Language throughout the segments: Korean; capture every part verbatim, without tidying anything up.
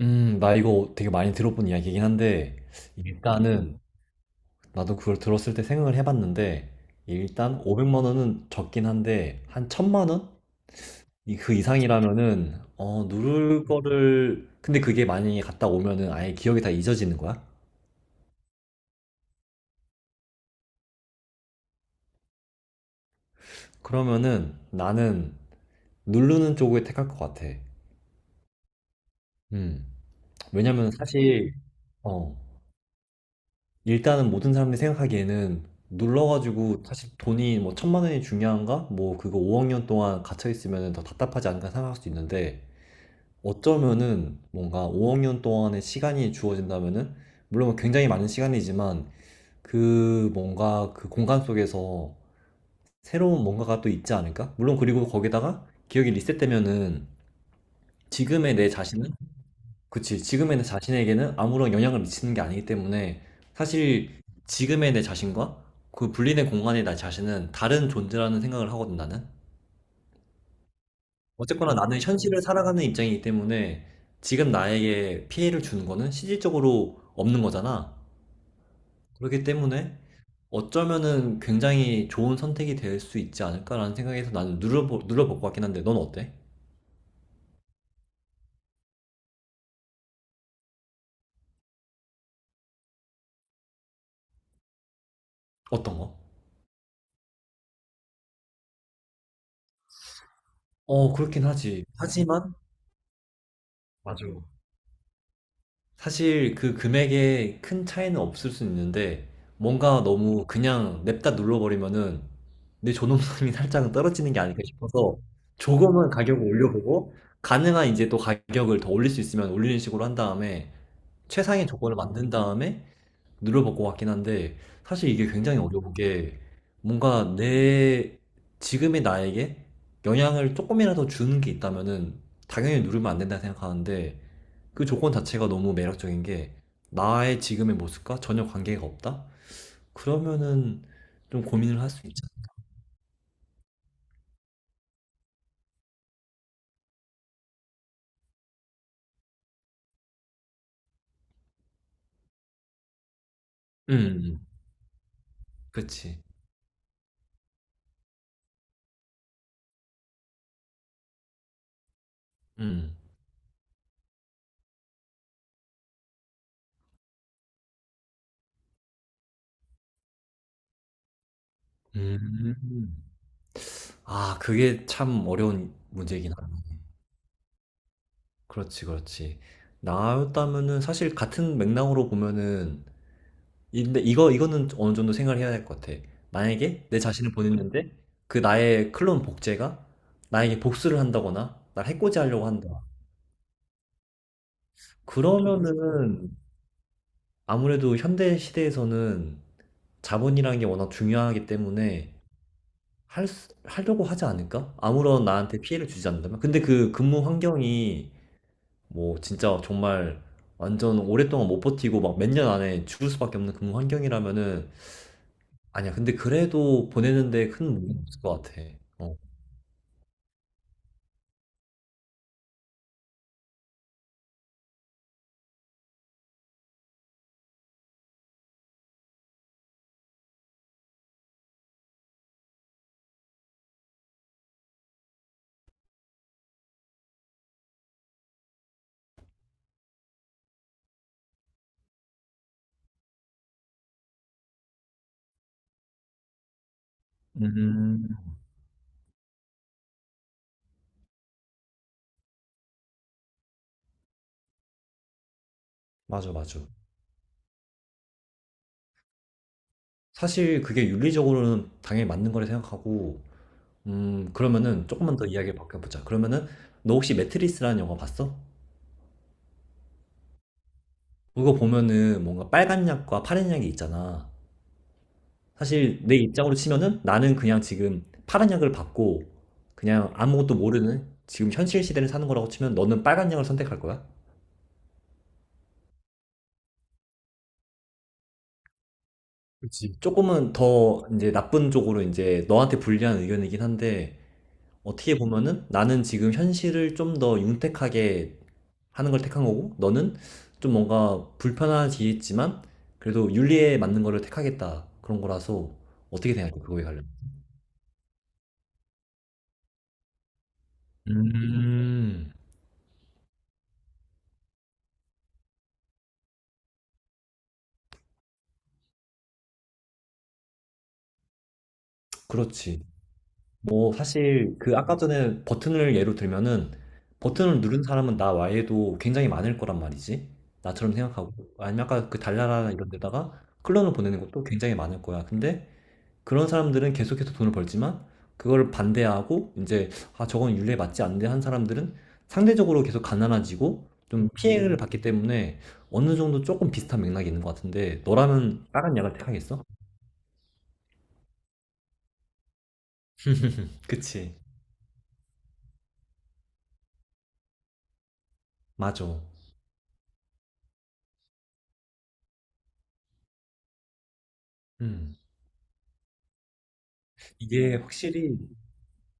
음, 나 이거 되게 많이 들어본 이야기긴 한데, 일단은, 나도 그걸 들었을 때 생각을 해봤는데, 일단 오백만 원은 적긴 한데, 한 천만 원? 이- 그 이상이라면은, 어, 누를 거를, 근데 그게 만약에 갔다 오면은 아예 기억이 다 잊어지는 거야? 그러면은 나는 누르는 쪽을 택할 것 같아. 음, 왜냐면 사실, 어, 일단은 모든 사람들이 생각하기에는 눌러가지고 사실 돈이 뭐 천만 원이 중요한가? 뭐 그거 오억 년 동안 갇혀있으면 더 답답하지 않을까 생각할 수도 있는데 어쩌면은 뭔가 오억 년 동안의 시간이 주어진다면은 물론 뭐 굉장히 많은 시간이지만 그 뭔가 그 공간 속에서 새로운 뭔가가 또 있지 않을까? 물론 그리고 거기다가 기억이 리셋되면은 지금의 내 자신은 그치. 지금의 내 자신에게는 아무런 영향을 미치는 게 아니기 때문에 사실 지금의 내 자신과 그 분리된 공간의 나 자신은 다른 존재라는 생각을 하거든, 나는. 어쨌거나 나는 현실을 살아가는 입장이기 때문에 지금 나에게 피해를 주는 거는 실질적으로 없는 거잖아. 그렇기 때문에 어쩌면은 굉장히 좋은 선택이 될 수 있지 않을까라는 생각에서 나는 눌러보, 눌러볼 것 같긴 한데, 넌 어때? 어떤 거? 어, 그렇긴 하지. 하지만, 맞아. 사실 그 금액에 큰 차이는 없을 수 있는데 뭔가 너무 그냥 냅다 눌러버리면은 내 존엄성이 살짝은 떨어지는 게 아닐까 싶어서 조금은 가격을 올려보고 가능한 이제 또 가격을 더 올릴 수 있으면 올리는 식으로 한 다음에 최상의 조건을 만든 다음에 눌러먹고 왔긴 한데 사실 이게 굉장히 어려운 게 뭔가 내 지금의 나에게 영향을 조금이라도 주는 게 있다면은 당연히 누르면 안 된다 생각하는데 그 조건 자체가 너무 매력적인 게 나의 지금의 모습과 전혀 관계가 없다? 그러면은 좀 고민을 할 수 있잖아. 음, 그치. 음. 음. 아, 그게 참 어려운 문제긴 하다. 그렇지, 그렇지. 나였다면은 사실 같은 맥락으로 보면은 근데 이거 이거는 어느 정도 생각을 해야 될 것 같아. 만약에 내 자신을 보냈는데 그 나의 클론 복제가 나에게 복수를 한다거나 날 해코지 하려고 한다. 그러면은 아무래도 현대 시대에서는 자본이라는 게 워낙 중요하기 때문에 할, 수- 하려고 하지 않을까? 아무런 나한테 피해를 주지 않는다면? 근데 그 근무 환경이 뭐 진짜 정말 완전 오랫동안 못 버티고 막 몇 년 안에 죽을 수밖에 없는 근무 환경이라면은 아니야. 근데 그래도 보내는데 큰 무리는 없을 것 같아. 어, 음, 맞아, 맞아. 사실 그게 윤리적으로는 당연히 맞는 거라 생각하고, 음, 그러면은 조금만 더 이야기를 바꿔보자. 그러면은 너 혹시 매트리스라는 영화 봤어? 그거 보면은 뭔가 빨간 약과 파란 약이 있잖아. 사실 내 입장으로 치면은 나는 그냥 지금 파란 약을 받고 그냥 아무것도 모르는 지금 현실 시대를 사는 거라고 치면 너는 빨간 약을 선택할 거야? 조금은 더 이제 나쁜 쪽으로 이제 너한테 불리한 의견이긴 한데 어떻게 보면은 나는 지금 현실을 좀 더 윤택하게 하는 걸 택한 거고 너는 좀 뭔가 불편하겠지만 그래도 윤리에 맞는 거를 택하겠다 그런 거라서 어떻게 생각해? 그거에 관련. 음. 그렇지. 뭐 사실 그 아까 전에 버튼을 예로 들면은 버튼을 누른 사람은 나 외에도 굉장히 많을 거란 말이지. 나처럼 생각하고 아니면 아까 그 달나라 이런 데다가 클론을 보내는 것도 굉장히 많을 거야. 근데 그런 사람들은 계속해서 돈을 벌지만 그걸 반대하고 이제 아 저건 윤리에 맞지 않는데 한 사람들은 상대적으로 계속 가난해지고 좀 피해를 받기 때문에 어느 정도 조금 비슷한 맥락이 있는 것 같은데 너라면 다른 약을 택하겠어? 그치. 맞아. 음. 이게 확실히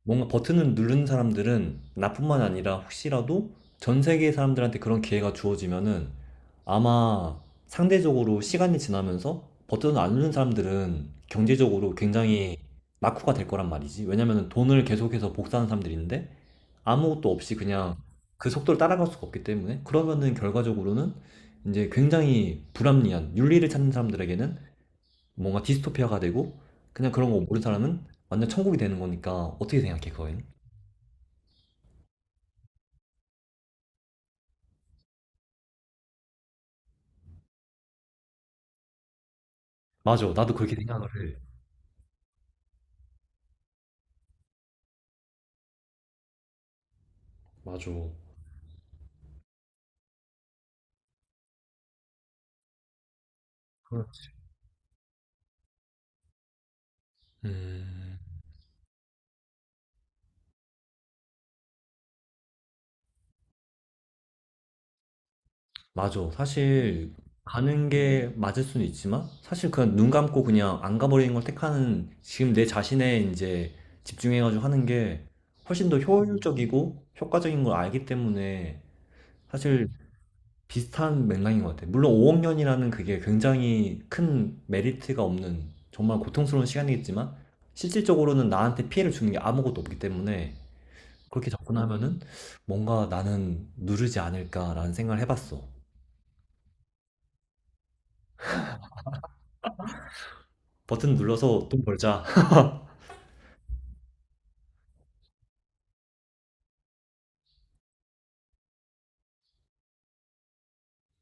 뭔가 버튼을 누른 사람들은 나뿐만 아니라 혹시라도 전 세계 사람들한테 그런 기회가 주어지면은 아마 상대적으로 시간이 지나면서 버튼을 안 누른 사람들은 경제적으로 굉장히 낙후가 될 거란 말이지. 왜냐면은 돈을 계속해서 복사하는 사람들인데 아무것도 없이 그냥 그 속도를 따라갈 수가 없기 때문에 그러면은 결과적으로는 이제 굉장히 불합리한 윤리를 찾는 사람들에게는 뭔가 디스토피아가 되고 그냥 그런 거 모르는 사람은 완전 천국이 되는 거니까 어떻게 생각해 그거는? 맞아. 나도 그렇게 생각을 해. 맞아. 그렇지. 음, 맞아. 사실 가는 게 맞을 수는 있지만 사실 그냥 눈 감고 그냥 안 가버리는 걸 택하는 지금 내 자신에 이제 집중해가지고 하는 게 훨씬 더 효율적이고 효과적인 걸 알기 때문에 사실 비슷한 맥락인 것 같아. 물론 오억 년이라는 그게 굉장히 큰 메리트가 없는 정말 고통스러운 시간이겠지만 실질적으로는 나한테 피해를 주는 게 아무것도 없기 때문에 그렇게 접근하면은 뭔가 나는 누르지 않을까라는 생각을 해봤어. 버튼 눌러서 돈 벌자.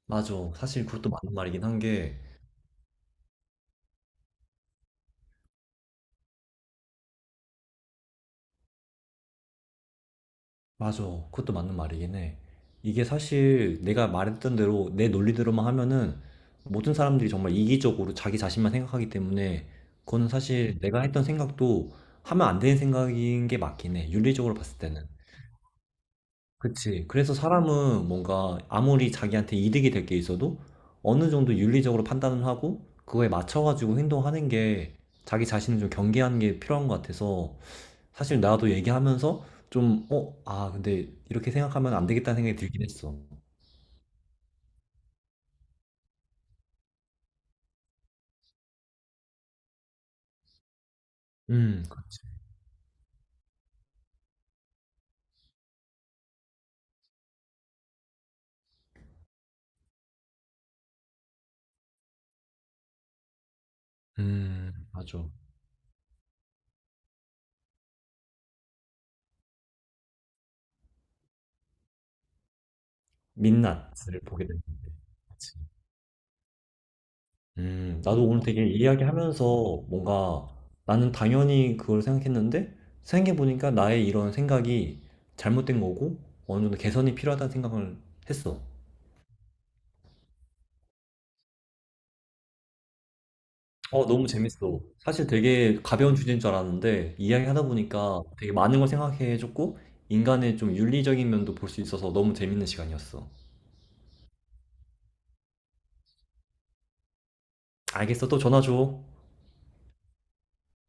맞아. 사실 그것도 맞는 말이긴 한 게, 맞아. 그것도 맞는 말이긴 해. 이게 사실 내가 말했던 대로 내 논리대로만 하면은 모든 사람들이 정말 이기적으로 자기 자신만 생각하기 때문에 그거는 사실 내가 했던 생각도 하면 안 되는 생각인 게 맞긴 해. 윤리적으로 봤을 때는. 그치. 그래서 사람은 뭔가 아무리 자기한테 이득이 될 게 있어도 어느 정도 윤리적으로 판단을 하고 그거에 맞춰가지고 행동하는 게 자기 자신을 좀 경계하는 게 필요한 것 같아서 사실 나도 얘기하면서 좀, 어, 아, 근데 이렇게 생각하면 안 되겠다는 생각이 들긴 했어. 음, 그렇지. 음, 맞아. 민낯을 보게 됐는데. 음, 나도 오늘 되게 이야기하면서 뭔가 나는 당연히 그걸 생각했는데 생각해보니까 나의 이런 생각이 잘못된 거고 어느 정도 개선이 필요하다는 생각을 했어. 어, 너무 재밌어. 사실 되게 가벼운 주제인 줄 알았는데 이야기하다 보니까 되게 많은 걸 생각해줬고 인간의 좀 윤리적인 면도 볼 수 있어서 너무 재밌는 시간이었어. 알겠어. 또 전화 줘.